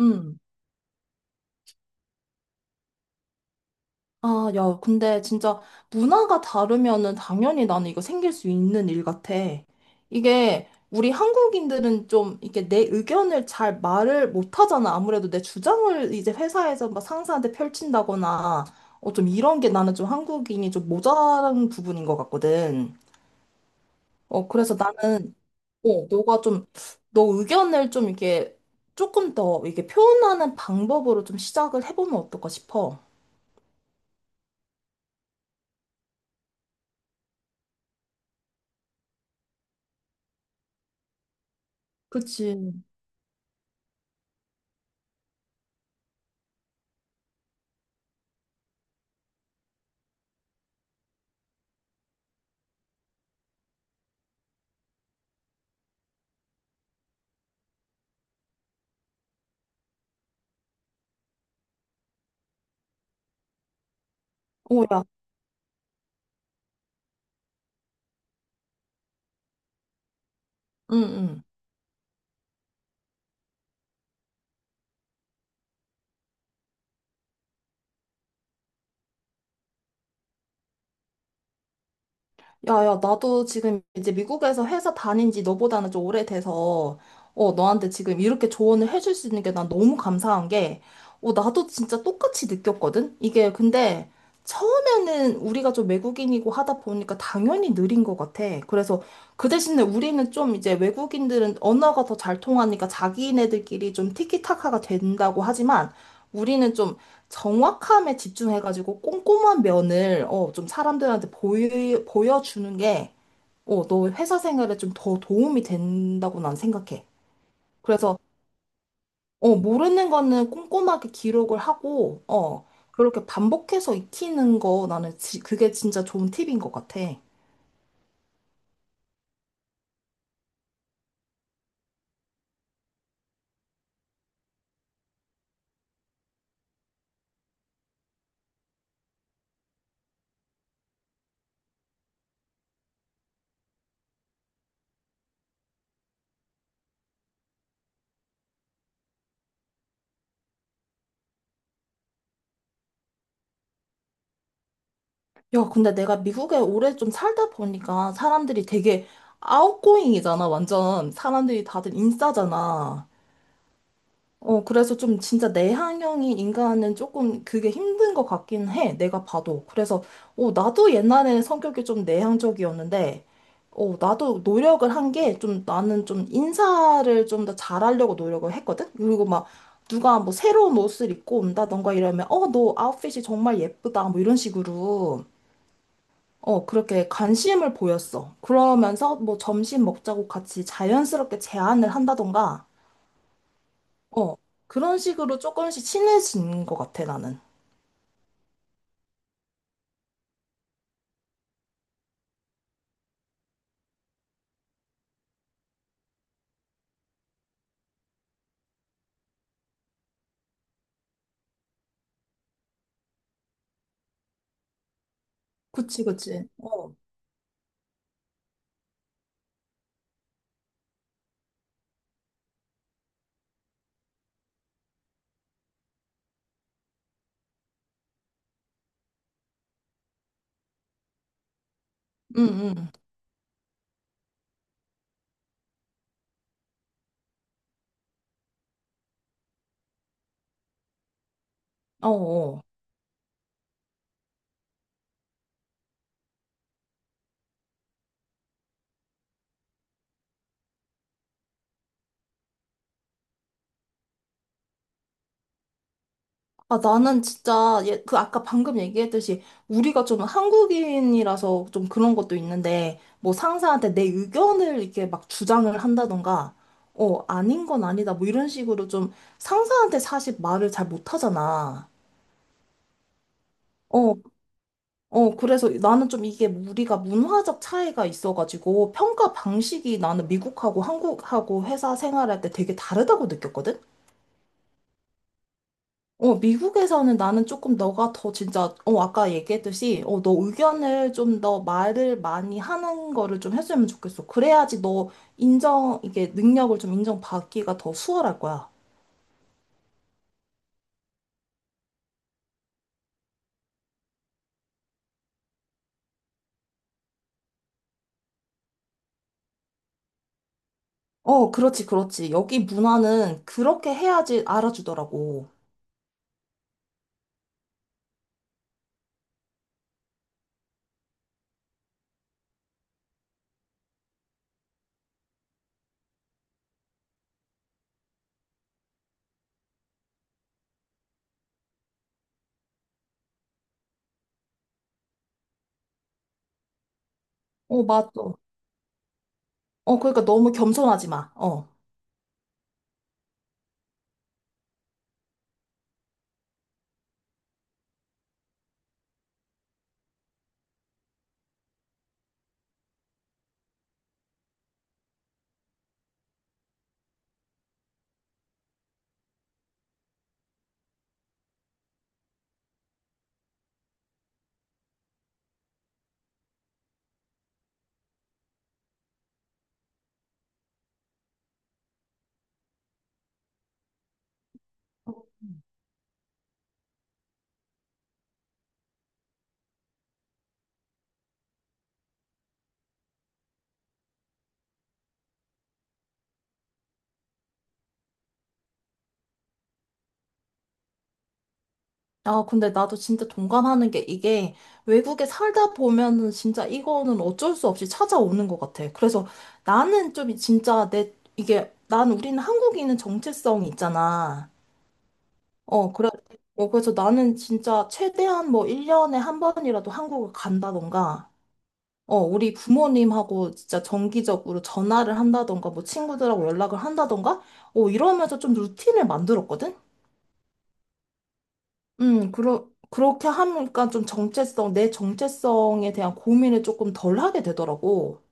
음. 아, 야, 근데 진짜 문화가 다르면은 당연히 나는 이거 생길 수 있는 일 같아. 이게 우리 한국인들은 좀 이렇게 내 의견을 잘 말을 못 하잖아. 아무래도 내 주장을 이제 회사에서 막 상사한테 펼친다거나 좀 이런 게 나는 좀 한국인이 좀 모자란 부분인 것 같거든. 그래서 나는 너가 좀 너 의견을 좀 이렇게 조금 더 이렇게 표현하는 방법으로 좀 시작을 해보면 어떨까 싶어. 그치. 오, 야, 응, 응. 야, 야, 나도 지금 이제 미국에서 회사 다닌 지 너보다는 좀 오래돼서, 너한테 지금 이렇게 조언을 해줄 수 있는 게 난 너무 감사한 게, 나도 진짜 똑같이 느꼈거든? 이게 근데 처음에는 우리가 좀 외국인이고 하다 보니까 당연히 느린 것 같아. 그래서 그 대신에 우리는 좀 이제 외국인들은 언어가 더 잘 통하니까 자기네들끼리 좀 티키타카가 된다고 하지만, 우리는 좀 정확함에 집중해가지고 꼼꼼한 면을 좀 사람들한테 보여주는 게 너 회사 생활에 좀 더 도움이 된다고 난 생각해. 그래서 모르는 거는 꼼꼼하게 기록을 하고 그렇게 반복해서 익히는 거 나는 그게 진짜 좋은 팁인 것 같아. 야, 근데 내가 미국에 오래 좀 살다 보니까 사람들이 되게 아웃고잉이잖아. 완전 사람들이 다들 인싸잖아. 그래서 좀 진짜 내향형인 인간은 조금 그게 힘든 것 같긴 해. 내가 봐도. 그래서 나도 옛날에는 성격이 좀 내향적이었는데, 나도 노력을 한 게 좀 나는 좀 인사를 좀 더 잘하려고 노력을 했거든? 그리고 막 누가 뭐 새로운 옷을 입고 온다던가 이러면, 너 아웃핏이 정말 예쁘다. 뭐 이런 식으로. 그렇게 관심을 보였어. 그러면서 뭐 점심 먹자고 같이 자연스럽게 제안을 한다던가, 어, 그런 식으로 조금씩 친해진 것 같아, 나는. 그치, 그치. 어, 응, 응. 어, 어. 아, 나는 진짜, 예, 그 아까 방금 얘기했듯이, 우리가 좀 한국인이라서 좀 그런 것도 있는데, 뭐 상사한테 내 의견을 이렇게 막 주장을 한다던가, 아닌 건 아니다, 뭐 이런 식으로 좀 상사한테 사실 말을 잘 못하잖아. 어, 그래서 나는 좀 이게 우리가 문화적 차이가 있어가지고 평가 방식이 나는 미국하고 한국하고 회사 생활할 때 되게 다르다고 느꼈거든? 미국에서는 나는 조금 너가 더 진짜, 아까 얘기했듯이, 너 의견을 좀 더 말을 많이 하는 거를 좀 해주면 좋겠어. 그래야지 너 이게 능력을 좀 인정받기가 더 수월할 거야. 어, 그렇지, 그렇지. 여기 문화는 그렇게 해야지 알아주더라고. 어, 맞아. 어, 그러니까 너무 겸손하지 마. 어. 아, 근데 나도 진짜 동감하는 게 이게 외국에 살다 보면은 진짜 이거는 어쩔 수 없이 찾아오는 것 같아. 그래서 나는 좀 진짜 난 우리는 한국인은 정체성이 있잖아. 어, 그래. 그래서 나는 진짜 최대한 뭐 1년에 한 번이라도 한국을 간다던가, 우리 부모님하고 진짜 정기적으로 전화를 한다던가, 뭐 친구들하고 연락을 한다던가, 이러면서 좀 루틴을 만들었거든? 그렇게 하니까 좀 내 정체성에 대한 고민을 조금 덜 하게 되더라고.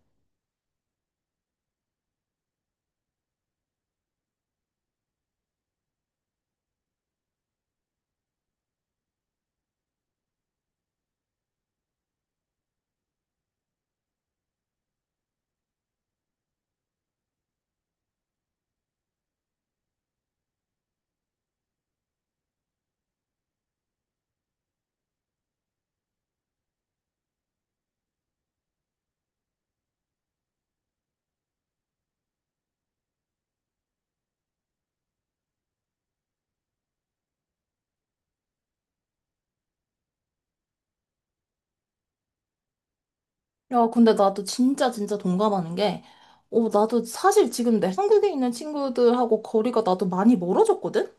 야, 근데 나도 진짜 진짜 동감하는 게, 나도 사실 지금 내 한국에 있는 친구들하고 거리가 나도 많이 멀어졌거든?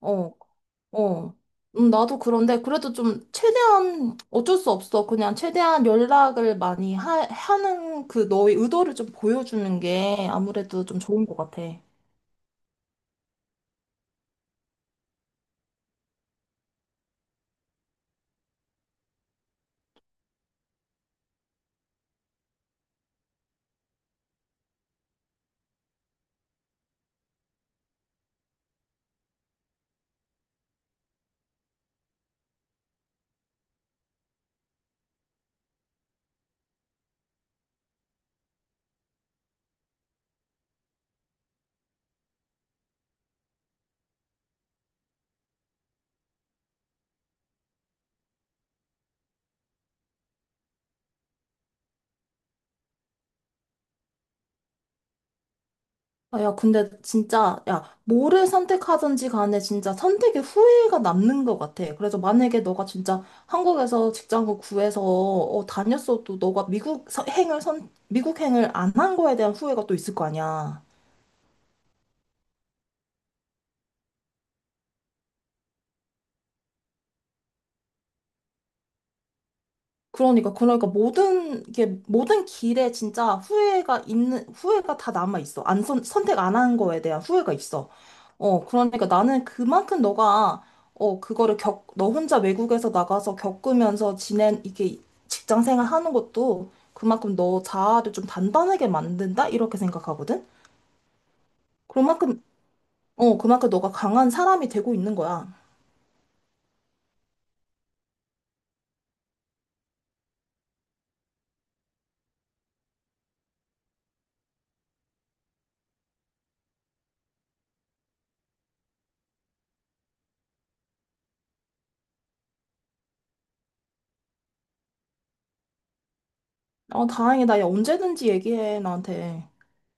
어, 어. 나도 그런데 그래도 좀 최대한 어쩔 수 없어. 그냥 최대한 연락을 많이 하는 그 너의 의도를 좀 보여주는 게 아무래도 좀 좋은 것 같아. 아, 야, 근데 진짜, 야, 뭐를 선택하든지 간에 진짜 선택의 후회가 남는 것 같아. 그래서 만약에 너가 진짜 한국에서 직장을 구해서 다녔어도 너가 미국 행을 안 한 거에 대한 후회가 또 있을 거 아니야. 그러니까 모든 게 모든 길에 진짜 후회가 다 남아 있어. 안 선, 선택 안 한 거에 대한 후회가 있어. 그러니까 나는 그만큼 너가 그거를 너 혼자 외국에서 나가서 겪으면서 지낸 이게 직장 생활 하는 것도 그만큼 너 자아를 좀 단단하게 만든다? 이렇게 생각하거든? 그만큼, 그만큼 너가 강한 사람이 되고 있는 거야. 어, 다행이다. 야, 언제든지 얘기해, 나한테.